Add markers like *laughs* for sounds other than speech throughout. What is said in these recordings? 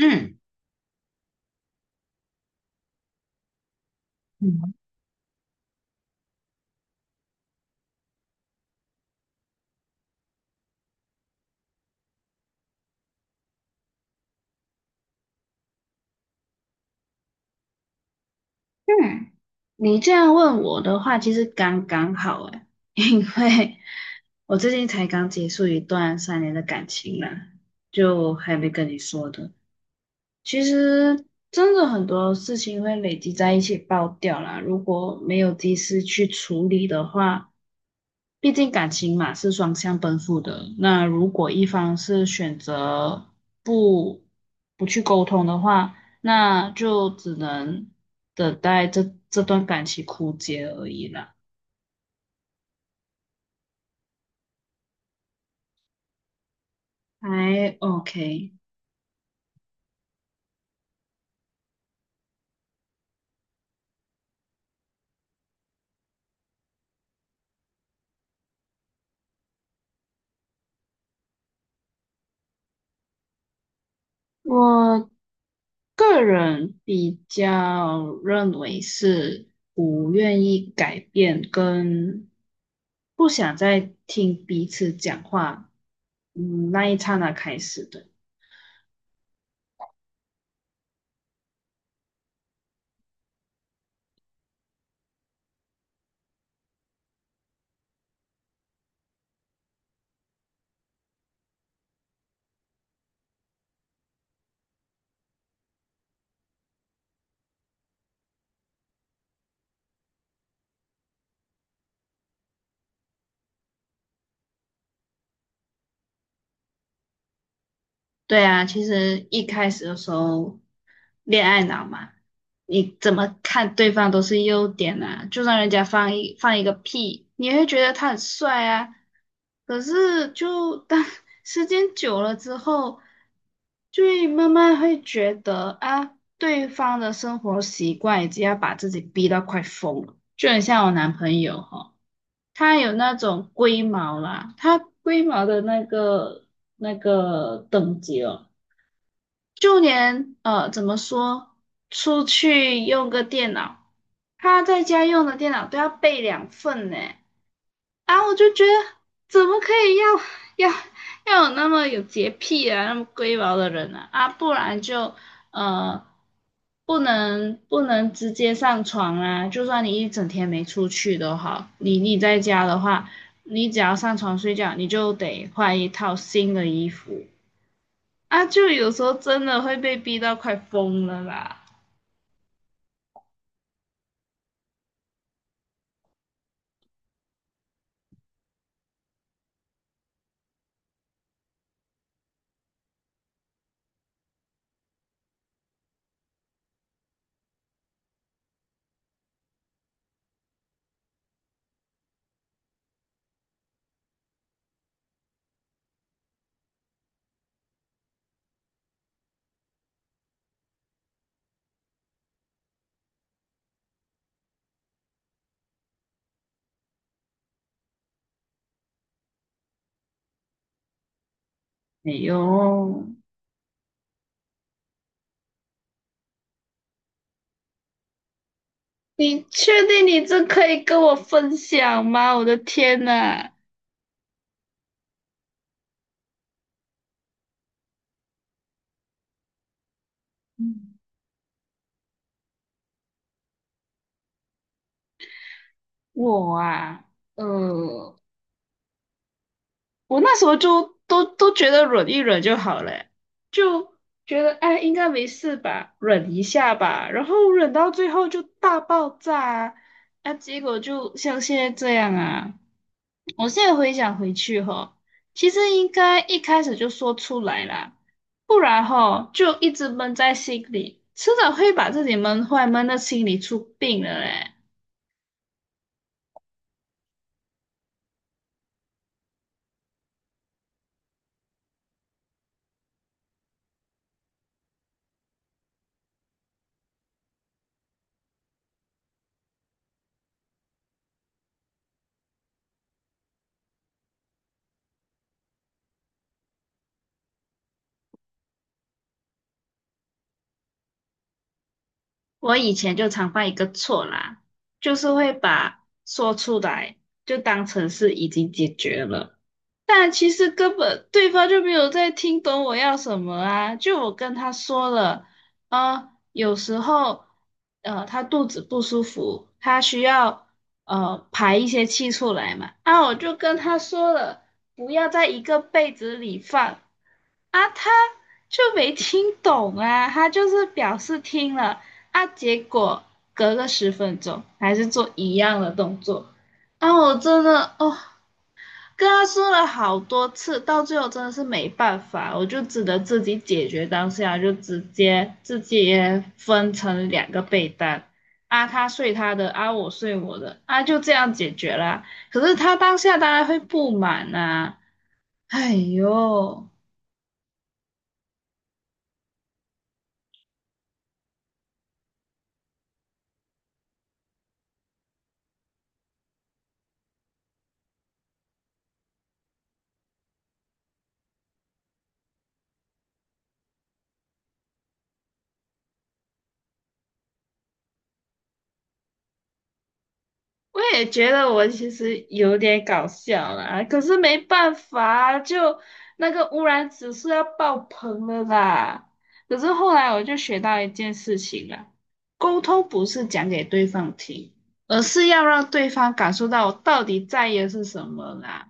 嗯嗯，嗯，你这样问我的话，其实刚刚好诶。*laughs* 因为我最近才刚结束一段三年的感情啦，就还没跟你说的。其实真的很多事情会累积在一起爆掉啦，如果没有及时去处理的话，毕竟感情嘛是双向奔赴的。那如果一方是选择不不去沟通的话，那就只能等待这段感情枯竭而已啦。还 OK。我个人比较认为是不愿意改变跟不想再听彼此讲话，嗯，那一刹那开始的。对啊，其实一开始的时候，恋爱脑嘛，你怎么看对方都是优点啊。就算人家放一个屁，你也会觉得他很帅啊。可是就当 *laughs* 时间久了之后，就会慢慢会觉得啊，对方的生活习惯已经要把自己逼到快疯了。就很像我男朋友哈、他有那种龟毛啦，他龟毛的那个等级哦。就连怎么说，出去用个电脑，他在家用的电脑都要备两份呢。啊，我就觉得怎么可以要要要有那么有洁癖啊，那么龟毛的人啊？啊，不然就呃，不能直接上床啊。就算你一整天没出去都好，你在家的话，你只要上床睡觉，你就得换一套新的衣服。啊，就有时候真的会被逼到快疯了啦。哎呦，你确定你这可以跟我分享吗？我的天呐，我啊，呃，我那时候就都觉得忍一忍就好了欸，就觉得哎应该没事吧，忍一下吧，然后忍到最后就大爆炸啊，啊结果就像现在这样啊。我现在回想回去哈，其实应该一开始就说出来啦，不然哈就一直闷在心里，迟早会把自己闷坏，闷到心里出病了嘞。我以前就常犯一个错啦，就是会把说出来就当成是已经解决了，但其实根本对方就没有在听懂我要什么啊。就我跟他说了，啊，有时候他肚子不舒服，他需要排一些气出来嘛，啊，我就跟他说了，不要在一个被子里放，啊，他就没听懂啊，他就是表示听了啊，结果隔个十分钟还是做一样的动作，啊，我真的哦，跟他说了好多次，到最后真的是没办法，我就只能自己解决当下，就直接自己分成两个被单。啊，他睡他的，啊，我睡我的，啊，就这样解决啦。可是他当下当然会不满啊，哎呦。我也觉得我其实有点搞笑啦，可是没办法，就那个污染指数要爆棚了啦。可是后来我就学到一件事情啦，沟通不是讲给对方听，而是要让对方感受到我到底在意的是什么啦。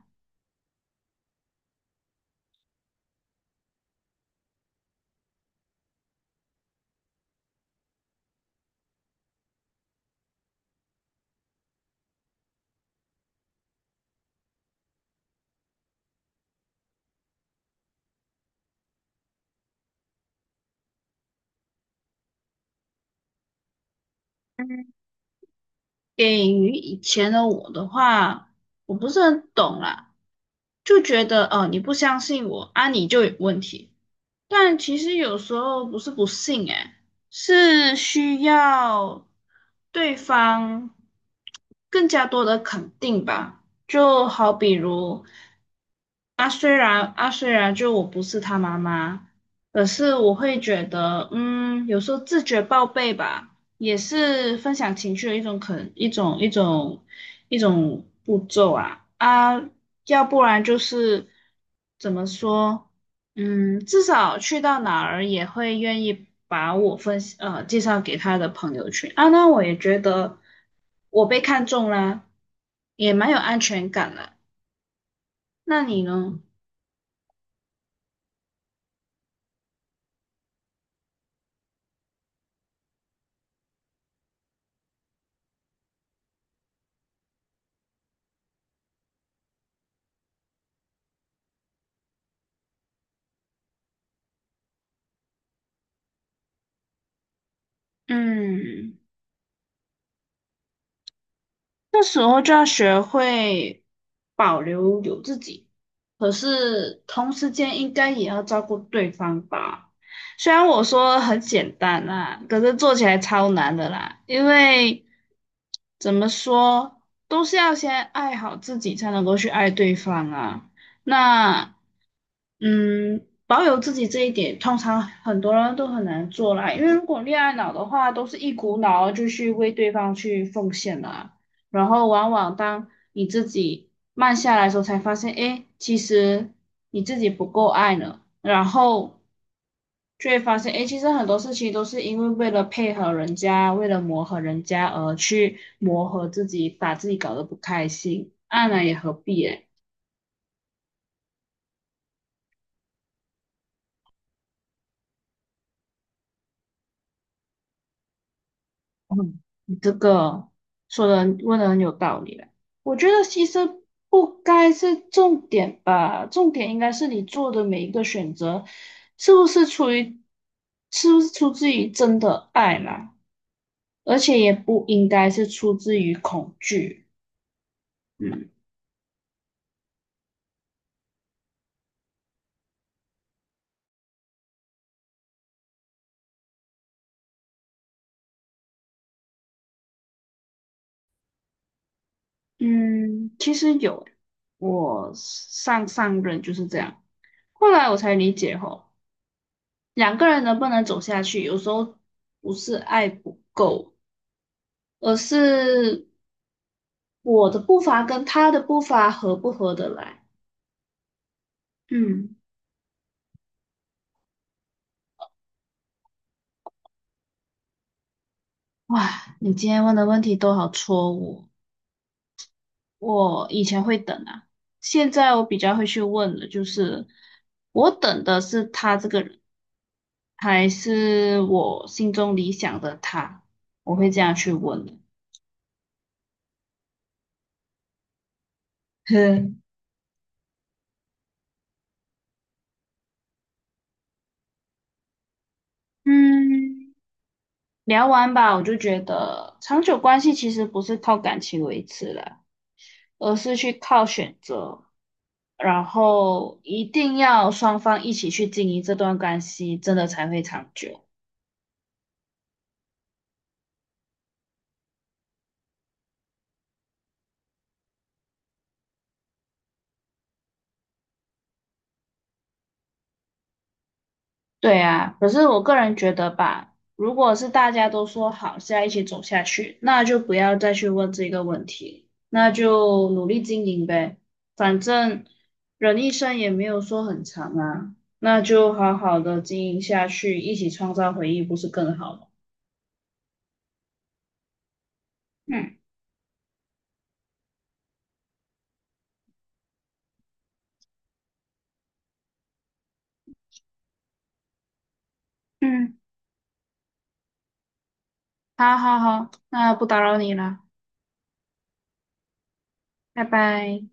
给予以前的我的话，我不是很懂啦，就觉得哦，你不相信我啊，你就有问题。但其实有时候不是不信，诶，是需要对方更加多的肯定吧。就好比如啊，虽然啊，虽然就我不是他妈妈，可是我会觉得，嗯，有时候自觉报备吧，也是分享情绪的一种步骤啊，要不然就是怎么说？嗯，至少去到哪儿也会愿意把我分享介绍给他的朋友圈啊。那我也觉得我被看中啦，也蛮有安全感的。那你呢？嗯。这时候就要学会保留有自己，可是同时间应该也要照顾对方吧。虽然我说很简单啦，可是做起来超难的啦，因为怎么说，都是要先爱好自己，才能够去爱对方啊。那，嗯，保有自己这一点，通常很多人都很难做啦，因为如果恋爱脑的话，都是一股脑儿就去为对方去奉献啦。然后往往当你自己慢下来的时候，才发现，哎，其实你自己不够爱呢。然后却发现，哎，其实很多事情都是因为为了配合人家，为了磨合人家而去磨合自己，把自己搞得不开心，爱呢也何必哎。嗯，你这个说的问的很有道理嘞。我觉得牺牲不该是重点吧，重点应该是你做的每一个选择，是不是出于，是不是出自于真的爱啦，而且也不应该是出自于恐惧。嗯嗯，其实有欸，我上上任就是这样，后来我才理解吼，两个人能不能走下去，有时候不是爱不够。而是我的步伐跟他的步伐合不合得来？嗯，哇，你今天问的问题都好戳我。我以前会等啊，现在我比较会去问的就是，我等的是他这个人，还是我心中理想的他？我会这样去问的 *laughs*。哼嗯，聊完吧，我就觉得长久关系其实不是靠感情维持了，而是去靠选择。然后一定要双方一起去经营这段关系，真的才会长久。对啊，可是我个人觉得吧，如果是大家都说好是要一起走下去，那就不要再去问这个问题，那就努力经营呗。反正人一生也没有说很长啊，那就好好的经营下去，一起创造回忆，不是更好吗？嗯嗯，好好好，那不打扰你了，拜拜。